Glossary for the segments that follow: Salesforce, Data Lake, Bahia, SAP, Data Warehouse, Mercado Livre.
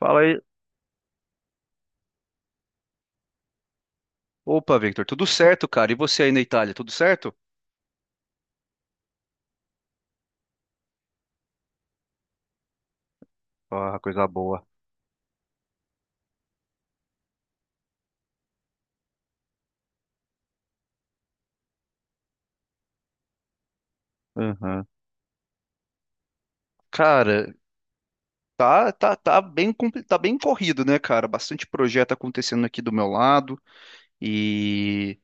Fala aí. Opa, Victor, tudo certo, cara? E você aí na Itália, tudo certo? Ah, coisa boa. Aham. Cara, tá bem corrido, né, cara? Bastante projeto acontecendo aqui do meu lado e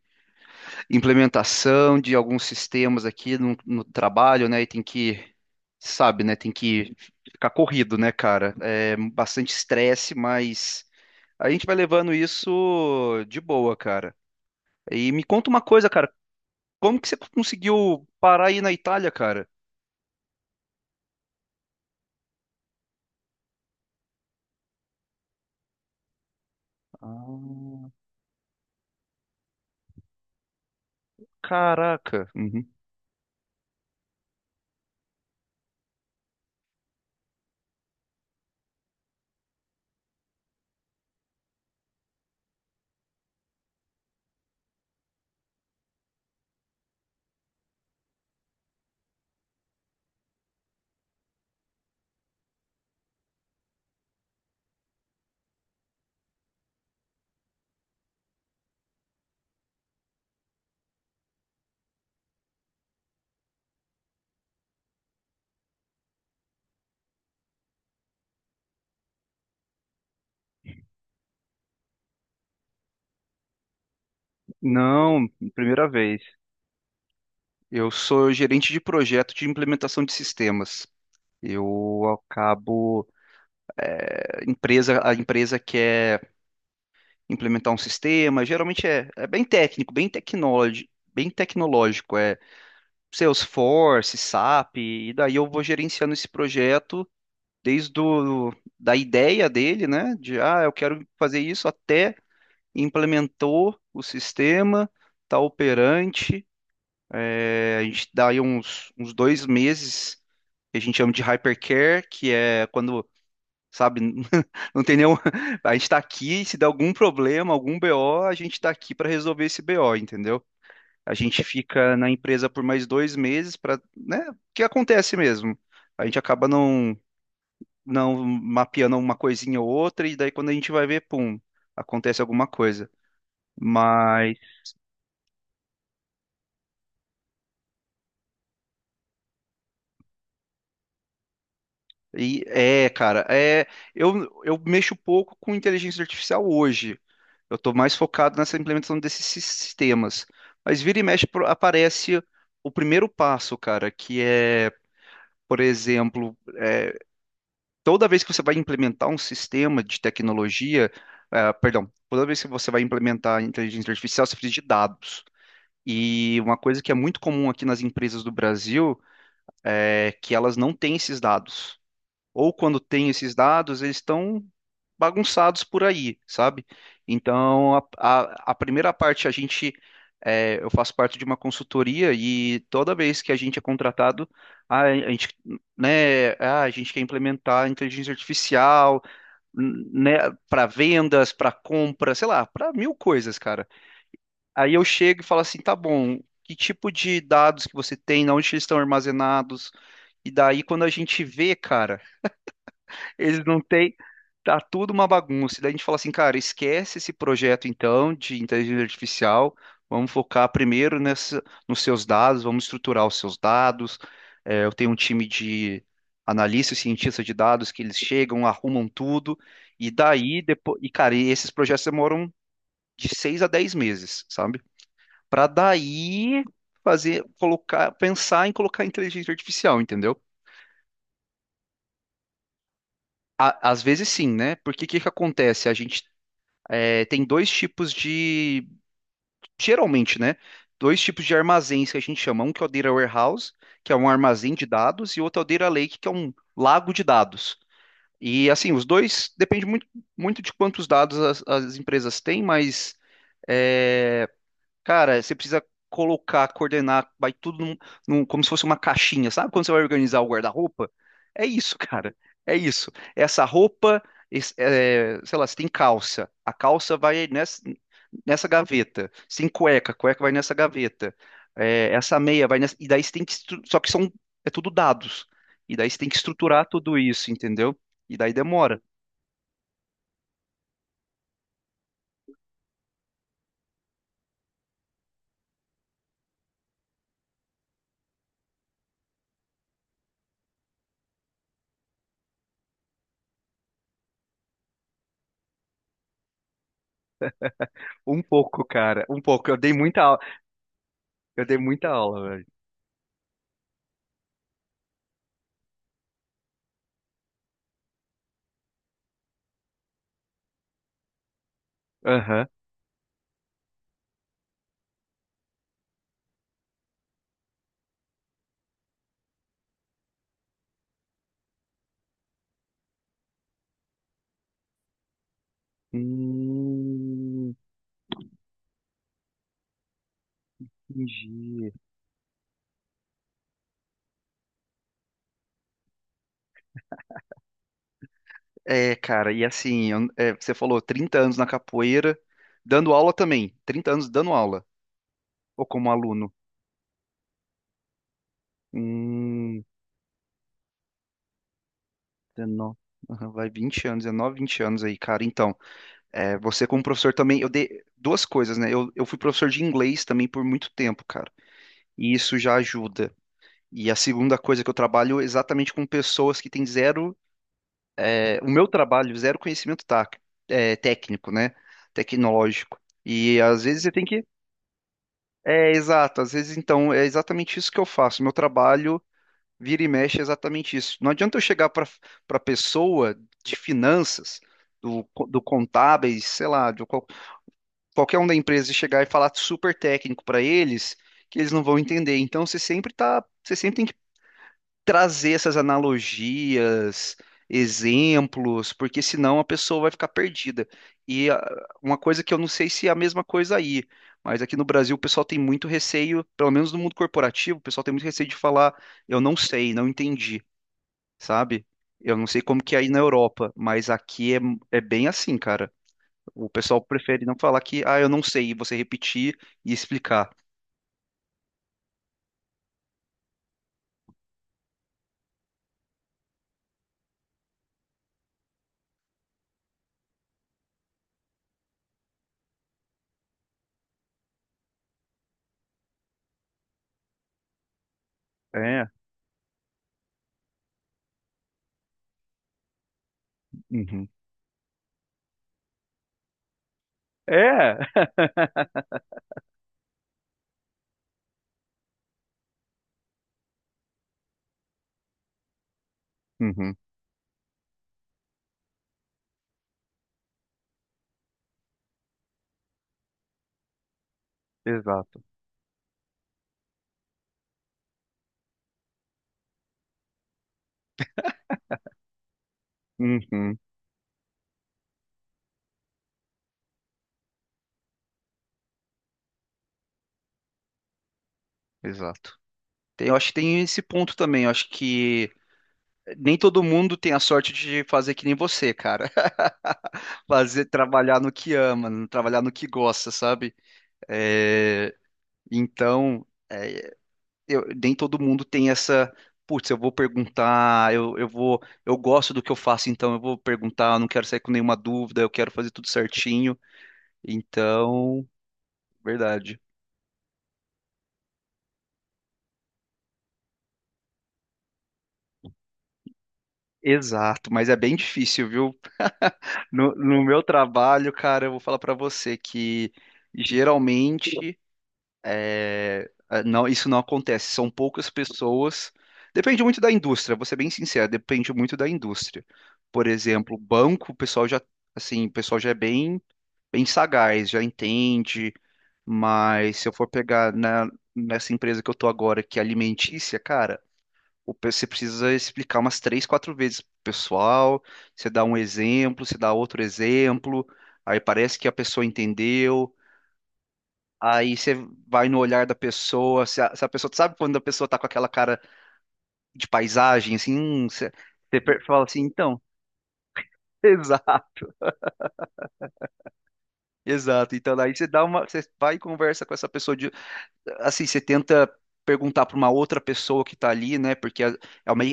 implementação de alguns sistemas aqui no trabalho, né? E tem que, sabe, né? Tem que ficar corrido, né, cara? É bastante estresse, mas a gente vai levando isso de boa, cara. E me conta uma coisa, cara. Como que você conseguiu parar aí na Itália, cara? Ah, caraca. Uhum. Não, primeira vez. Eu sou gerente de projeto de implementação de sistemas. Eu acabo Empresa, a empresa quer implementar um sistema. Geralmente é bem técnico, bem tecnológico. É Salesforce, SAP. E daí eu vou gerenciando esse projeto desde o, da ideia dele, né? De ah, eu quero fazer isso até implementou o sistema, está operante. A gente dá aí uns 2 meses que a gente chama de hypercare, que é quando, sabe, não tem nenhum. A gente está aqui, se der algum problema, algum BO, a gente está aqui para resolver esse BO, entendeu? A gente fica na empresa por mais 2 meses para, né? O que acontece mesmo? A gente acaba não, Não mapeando uma coisinha ou outra, e daí quando a gente vai ver, pum, acontece alguma coisa. Mas E é, cara, é, eu, eu mexo pouco com inteligência artificial hoje. Eu estou mais focado nessa implementação desses sistemas. Mas vira e mexe aparece o primeiro passo, cara, por exemplo, toda vez que você vai implementar um sistema de tecnologia, ah, perdão, toda vez que você vai implementar inteligência artificial, você precisa de dados. E uma coisa que é muito comum aqui nas empresas do Brasil é que elas não têm esses dados, ou quando tem esses dados, eles estão bagunçados por aí, sabe? Então, a primeira parte, eu faço parte de uma consultoria e toda vez que a gente é contratado, a, a gente, né, a gente quer implementar inteligência artificial, né, para vendas, para compra, sei lá, para mil coisas, cara. Aí eu chego e falo assim, tá bom, que tipo de dados que você tem, onde eles estão armazenados? E daí, quando a gente vê, cara. Eles não têm. Tá tudo uma bagunça. E daí a gente fala assim, cara, esquece esse projeto então de inteligência artificial. Vamos focar nos seus dados, vamos estruturar os seus dados. É, eu tenho um time de analistas e cientistas de dados que eles chegam, arrumam tudo. E daí, depois, e esses projetos demoram de 6 a 10 meses, sabe? Para daí fazer, colocar, pensar em colocar inteligência artificial, entendeu? Às vezes sim, né? Porque o que que acontece? Tem dois tipos de, geralmente, né? Dois tipos de armazéns que a gente chama. Um que é o Data Warehouse, que é um armazém de dados, e outro é o Data Lake, que é um lago de dados. E assim, os dois depende muito de quantos dados as empresas têm, mas é, cara, você precisa colocar, coordenar, vai tudo como se fosse uma caixinha. Sabe quando você vai organizar o guarda-roupa? É isso, cara. É isso. Essa roupa, esse- é, Sei lá, você tem calça. A calça vai nessa gaveta. Você tem cueca, a cueca vai nessa gaveta. É, essa meia vai nessa. E daí você tem Só que são, é tudo dados. E daí você tem que estruturar tudo isso, entendeu? E daí demora. Um pouco, cara. Um pouco. Eu dei muita aula. Eu dei muita aula, velho. Aham. Hum, entendi. É, cara, e assim, você falou 30 anos na capoeira, dando aula também. 30 anos dando aula, ou como aluno. Hum, 19, aham, vai 20 anos, 20 anos aí, cara. Então, é, você como professor também, eu dei duas coisas, né? Eu fui professor de inglês também por muito tempo, cara. E isso já ajuda. E a segunda coisa é que eu trabalho é exatamente com pessoas que têm zero zero conhecimento, tá, técnico, né? Tecnológico. E às vezes você tem que. É, exato, às vezes então é exatamente isso que eu faço. Meu trabalho vira e mexe é exatamente isso. Não adianta eu chegar para pessoa de finanças, do contábeis, sei lá, qualquer um da empresa e chegar e falar super técnico para eles, que eles não vão entender. Então você sempre tá, você sempre tem trazer essas analogias, exemplos, porque senão a pessoa vai ficar perdida. E ah, uma coisa que eu não sei se é a mesma coisa aí, mas aqui no Brasil o pessoal tem muito receio, pelo menos no mundo corporativo, o pessoal tem muito receio de falar, eu não sei, não entendi, sabe? Eu não sei como que é aí na Europa, mas é bem assim, cara. O pessoal prefere não falar que, ah, eu não sei, e você repetir e explicar. É, uhum. É, uhum, exato. Uhum, exato. Tem- Eu acho que tem esse ponto também. Eu acho que nem todo mundo tem a sorte de fazer que nem você, cara. Fazer trabalhar no que ama, trabalhar no que gosta, sabe? É, então, nem todo mundo tem essa. Putz, eu vou perguntar, eu gosto do que eu faço, então eu vou perguntar, eu não quero sair com nenhuma dúvida, eu quero fazer tudo certinho. Então, verdade. Exato, mas é bem difícil, viu? No meu trabalho, cara, eu vou falar pra você que geralmente não, isso não acontece. São poucas pessoas. Depende muito da indústria, vou ser bem sincero, depende muito da indústria. Por exemplo, banco, o pessoal o pessoal já é bem sagaz, já entende. Mas se eu for pegar nessa empresa que eu tô agora, que é alimentícia, cara, o você precisa explicar umas três, quatro vezes pro pessoal, você dá um exemplo, você dá outro exemplo, aí parece que a pessoa entendeu, aí você vai no olhar da pessoa, se a pessoa, sabe quando a pessoa tá com aquela cara de paisagem, assim, você, fala assim, então, exato, exato, então daí você dá uma, você vai e conversa com essa pessoa você tenta perguntar para uma outra pessoa que está ali, né? Porque é uma,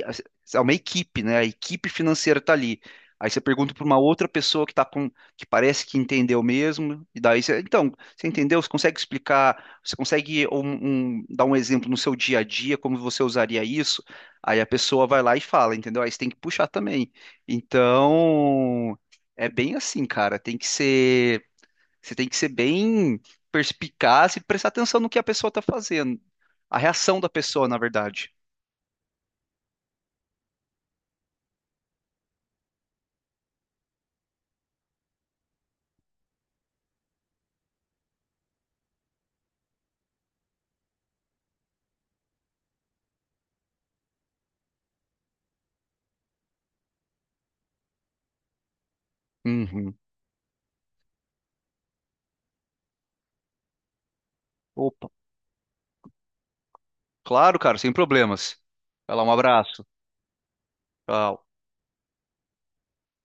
é uma equipe, né? A equipe financeira está ali. Aí você pergunta para uma outra pessoa que tá com, que parece que entendeu mesmo, e daí você, então, você entendeu? Você consegue explicar, você consegue dar um exemplo no seu dia a dia, como você usaria isso? Aí a pessoa vai lá e fala, entendeu? Aí você tem que puxar também. Então, é bem assim, cara, tem que ser você tem que ser bem perspicaz e prestar atenção no que a pessoa tá fazendo. A reação da pessoa, na verdade. Uhum. Opa. Claro, cara, sem problemas. Vai lá, um abraço. Tchau.